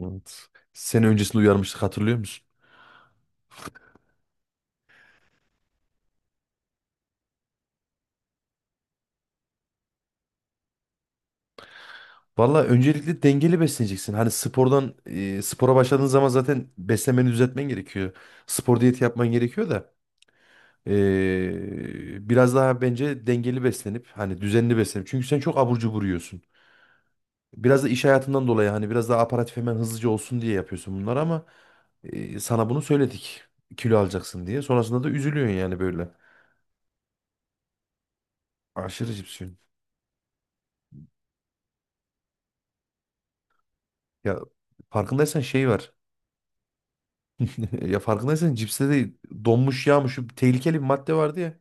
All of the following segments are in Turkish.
Evet. Seni öncesinde uyarmıştık, hatırlıyor musun? Valla öncelikle dengeli besleneceksin. Hani spordan spora başladığın zaman zaten beslenmeni düzeltmen gerekiyor. Spor diyeti yapman gerekiyor da biraz daha bence dengeli beslenip hani düzenli beslenip. Çünkü sen çok abur cubur yiyorsun. Biraz da iş hayatından dolayı hani biraz daha aparatif hemen hızlıca olsun diye yapıyorsun bunları ama sana bunu söyledik. Kilo alacaksın diye. Sonrasında da üzülüyorsun yani böyle. Aşırı cips yiyorsun. Ya farkındaysan şey var. Ya farkındaysan cipste de donmuş yağmış şu tehlikeli bir madde vardı ya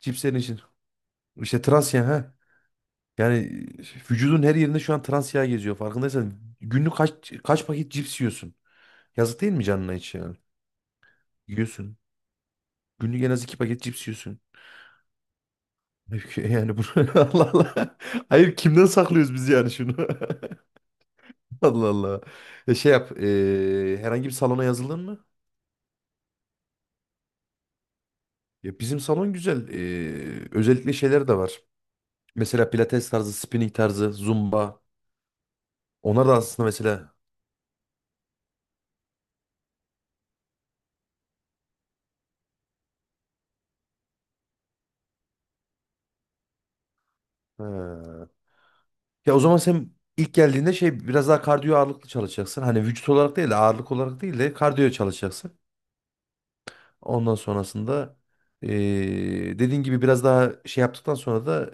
cipslerin için. İşte trans yağ ha. Yani vücudun her yerinde şu an trans yağ geziyor. Farkındaysan günlük kaç paket cips yiyorsun? Yazık değil mi canına hiç yani? Yiyorsun. Günlük en az iki paket cips yiyorsun. Halbuki yani bu Allah Allah. Hayır, kimden saklıyoruz biz yani şunu? Allah Allah. Ya şey yap. Herhangi bir salona yazıldın mı? Ya bizim salon güzel. Özellikle şeyler de var. Mesela pilates tarzı, spinning tarzı, zumba. Onlar da aslında mesela. He. Ya o zaman sen ilk geldiğinde şey biraz daha kardiyo ağırlıklı çalışacaksın. Hani vücut olarak değil de ağırlık olarak değil de kardiyo çalışacaksın. Ondan sonrasında dediğin gibi biraz daha şey yaptıktan sonra da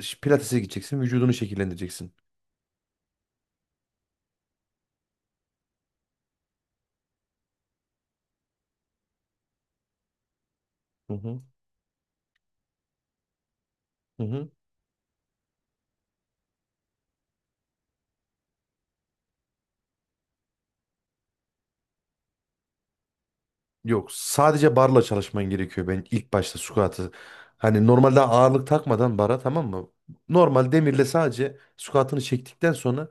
pilatese gideceksin. Vücudunu şekillendireceksin. Hı hı. Hı hı. Yok, sadece barla çalışman gerekiyor ben ilk başta squat'ı. Hani normalde ağırlık takmadan bara, tamam mı? Normal demirle sadece squat'ını çektikten sonra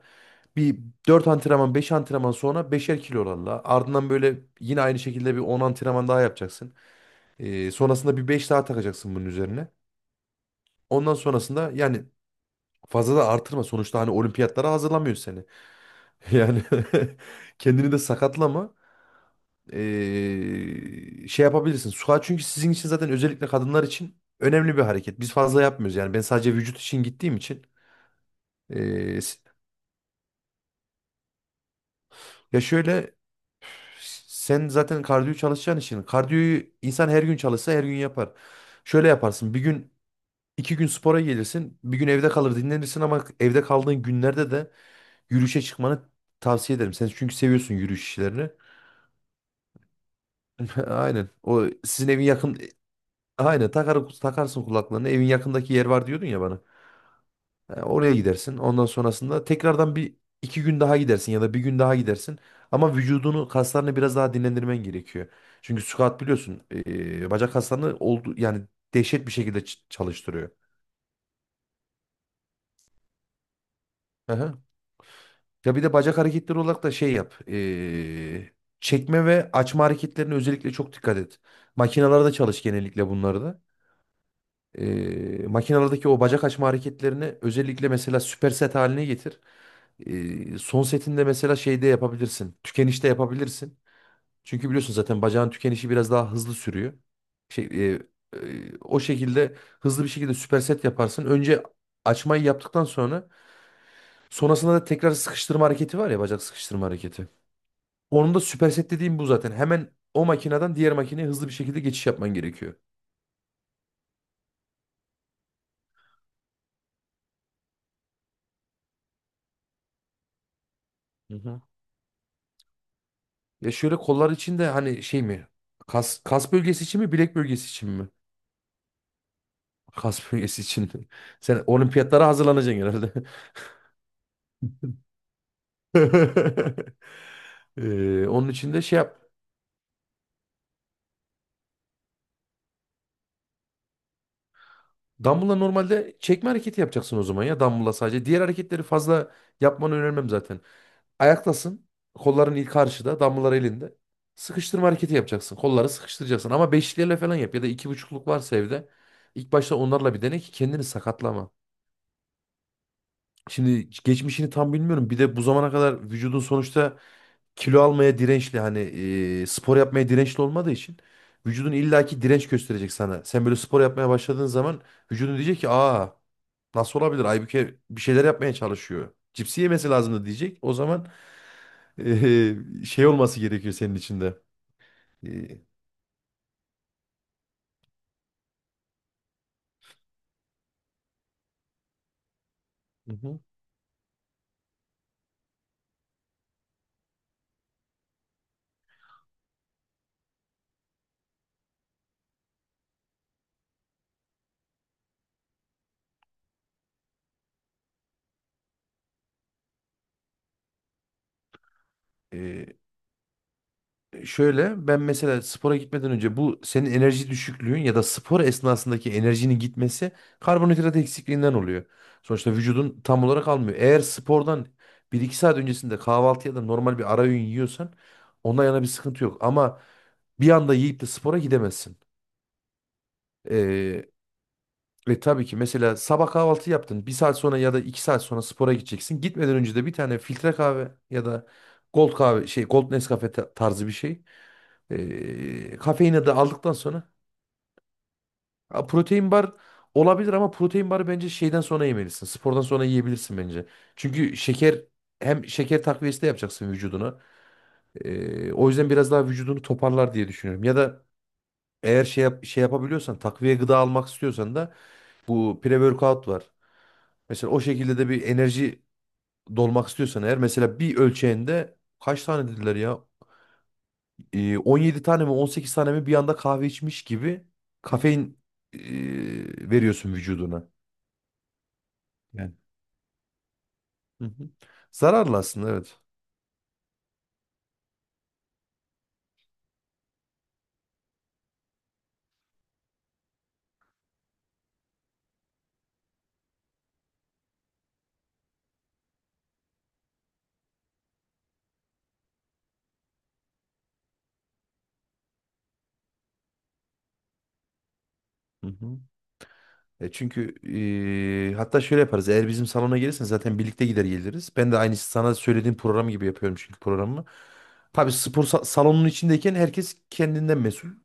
bir 4 antrenman 5 antrenman sonra beşer kilo oranla. Ardından böyle yine aynı şekilde bir 10 antrenman daha yapacaksın. Sonrasında bir 5 daha takacaksın bunun üzerine. Ondan sonrasında yani fazla da artırma. Sonuçta hani olimpiyatlara hazırlamıyor seni. Yani kendini de sakatlama. Şey yapabilirsin. Squat çünkü sizin için zaten özellikle kadınlar için önemli bir hareket. Biz fazla yapmıyoruz yani. Ben sadece vücut için gittiğim için. Ee, s- Ya şöyle, sen zaten kardiyo çalışacağın için kardiyoyu insan her gün çalışsa her gün yapar. Şöyle yaparsın, bir gün iki gün spora gelirsin, bir gün evde kalır dinlenirsin ama evde kaldığın günlerde de yürüyüşe çıkmanı tavsiye ederim. Sen çünkü seviyorsun yürüyüş işlerini. Aynen, o sizin evin yakın aynen takar, takarsın kulaklarını, evin yakındaki yer var diyordun ya bana. E, oraya gidersin. Ondan sonrasında tekrardan bir iki gün daha gidersin ya da bir gün daha gidersin. Ama vücudunu, kaslarını biraz daha dinlendirmen gerekiyor. Çünkü squat biliyorsun bacak kaslarını oldu yani dehşet bir şekilde çalıştırıyor. Aha. Ya bir de bacak hareketleri olarak da şey yap. Çekme ve açma hareketlerine özellikle çok dikkat et. Makinalarda çalış genellikle bunları da. Makinalardaki o bacak açma hareketlerini özellikle mesela süper set haline getir. Son setinde mesela şeyde yapabilirsin. Tükenişte yapabilirsin. Çünkü biliyorsun zaten bacağın tükenişi biraz daha hızlı sürüyor. Şey, e, O şekilde hızlı bir şekilde süper set yaparsın. Önce açmayı yaptıktan sonra sonrasında da tekrar sıkıştırma hareketi var ya, bacak sıkıştırma hareketi. Onun da süper set dediğim bu zaten. Hemen o makineden diğer makineye hızlı bir şekilde geçiş yapman gerekiyor. Ya şöyle, kollar için de hani şey mi? Kas bölgesi için mi? Bilek bölgesi için mi? Kas bölgesi için. Sen olimpiyatlara hazırlanacaksın herhalde. Onun için de şey yap. Dumbbell'la normalde çekme hareketi yapacaksın o zaman ya. Dumbbell'la sadece. Diğer hareketleri fazla yapmanı önermem zaten. Ayaktasın. Kolların ilk karşıda. Dumbbell'lar elinde. Sıkıştırma hareketi yapacaksın. Kolları sıkıştıracaksın. Ama beşlilerle falan yap. Ya da iki buçukluk varsa evde. İlk başta onlarla bir dene ki kendini sakatlama. Şimdi geçmişini tam bilmiyorum. Bir de bu zamana kadar vücudun sonuçta kilo almaya dirençli hani spor yapmaya dirençli olmadığı için vücudun illaki direnç gösterecek sana. Sen böyle spor yapmaya başladığın zaman vücudun diyecek ki, aa, nasıl olabilir? Aybüke bir şeyler yapmaya çalışıyor. Cipsi yemesi lazımdı diyecek. O zaman şey olması gerekiyor senin içinde. E, hı hı. E, Şöyle, ben mesela spora gitmeden önce bu senin enerji düşüklüğün ya da spor esnasındaki enerjinin gitmesi karbonhidrat eksikliğinden oluyor. Sonuçta vücudun tam olarak almıyor. Eğer spordan bir iki saat öncesinde kahvaltı ya da normal bir ara öğün yiyorsan ondan yana bir sıkıntı yok. Ama bir anda yiyip de spora gidemezsin. Ee, Ve tabii ki mesela sabah kahvaltı yaptın. Bir saat sonra ya da iki saat sonra spora gideceksin. Gitmeden önce de bir tane filtre kahve ya da Gold kahve şey Gold Nescafe tarzı bir şey. Kafeini de aldıktan sonra ha, protein bar olabilir ama protein barı bence şeyden sonra yemelisin. Spordan sonra yiyebilirsin bence. Çünkü şeker hem şeker takviyesi de yapacaksın vücuduna. O yüzden biraz daha vücudunu toparlar diye düşünüyorum. Ya da eğer şey yapabiliyorsan, takviye gıda almak istiyorsan da bu pre-workout var. Mesela o şekilde de bir enerji dolmak istiyorsan eğer, mesela bir ölçeğinde kaç tane dediler ya? 17 tane mi 18 tane mi bir anda kahve içmiş gibi kafein e, veriyorsun vücuduna. Yani. Hı hı. Zararlı aslında, evet. Hı hı. Çünkü hatta şöyle yaparız. Eğer bizim salona gelirsen zaten birlikte gider geliriz. Ben de aynı sana söylediğim program gibi yapıyorum çünkü programı. Tabii spor salonunun içindeyken herkes kendinden mesul.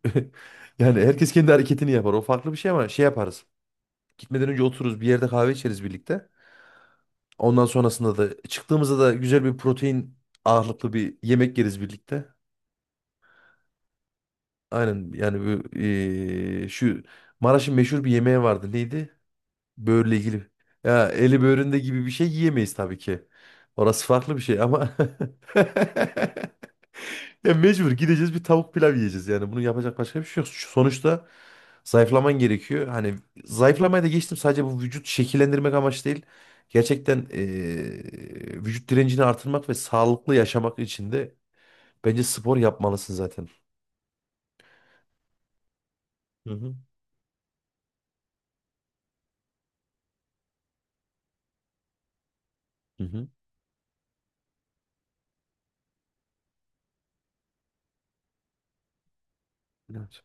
Yani herkes kendi hareketini yapar. O farklı bir şey ama şey yaparız. Gitmeden önce otururuz bir yerde kahve içeriz birlikte. Ondan sonrasında da çıktığımızda da güzel bir protein ağırlıklı bir yemek yeriz birlikte. Aynen yani bu şu Maraş'ın meşhur bir yemeği vardı. Neydi? Böğürle ilgili. Ya eli böğründe gibi bir şey yiyemeyiz tabii ki. Orası farklı bir şey ama ya mecbur gideceğiz bir tavuk pilav yiyeceğiz yani. Bunu yapacak başka bir şey yok. Sonuçta zayıflaman gerekiyor. Hani zayıflamaya da geçtim, sadece bu vücut şekillendirmek amaç değil. Gerçekten vücut direncini artırmak ve sağlıklı yaşamak için de bence spor yapmalısın zaten. Hı hı. Hı hı. Evet.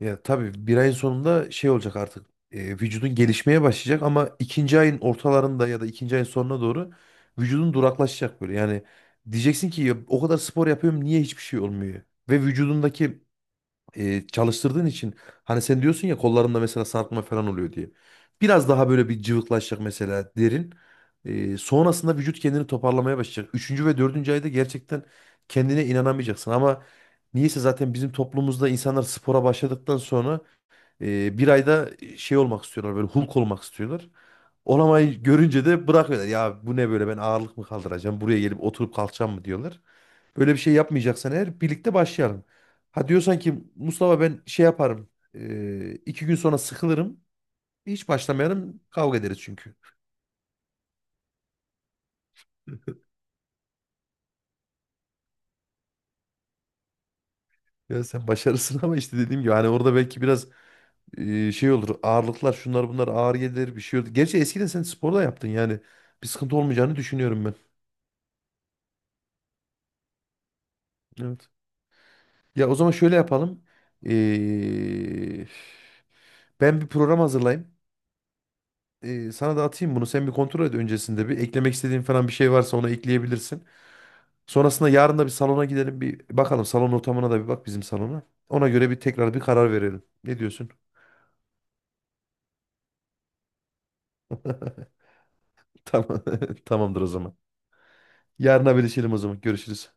Ya tabii bir ayın sonunda şey olacak artık. Vücudun gelişmeye başlayacak ama ikinci ayın ortalarında ya da ikinci ayın sonuna doğru vücudun duraklaşacak böyle. Yani diyeceksin ki ya, o kadar spor yapıyorum niye hiçbir şey olmuyor? Ve vücudundaki çalıştırdığın için hani sen diyorsun ya kollarında mesela sarkma falan oluyor diye. Biraz daha böyle bir cıvıklaşacak mesela derin. Sonrasında vücut kendini toparlamaya başlayacak. Üçüncü ve dördüncü ayda gerçekten kendine inanamayacaksın ama niyeyse zaten bizim toplumumuzda insanlar spora başladıktan sonra bir ayda şey olmak istiyorlar, böyle Hulk olmak istiyorlar. Olamayı görünce de bırakıyorlar. Ya bu ne böyle, ben ağırlık mı kaldıracağım, buraya gelip oturup kalkacağım mı diyorlar. Böyle bir şey yapmayacaksan eğer birlikte başlayalım. Ha, diyorsan ki Mustafa ben şey yaparım, iki gün sonra sıkılırım, hiç başlamayalım, kavga ederiz çünkü. Ya sen başarısın ama işte dediğim gibi hani orada belki biraz şey olur, ağırlıklar şunlar bunlar ağır gelir, bir şey olur. Gerçi eskiden sen spor da yaptın yani bir sıkıntı olmayacağını düşünüyorum ben. Evet. Ya o zaman şöyle yapalım. Eee, Ben bir program hazırlayayım. Sana da atayım bunu. Sen bir kontrol et öncesinde bir. Eklemek istediğin falan bir şey varsa ona ekleyebilirsin. Sonrasında yarın da bir salona gidelim bir bakalım. Salon ortamına da bir bak bizim salona. Ona göre bir tekrar bir karar verelim. Ne diyorsun? Tamam. Tamamdır o zaman. Yarın haberleşelim o zaman. Görüşürüz.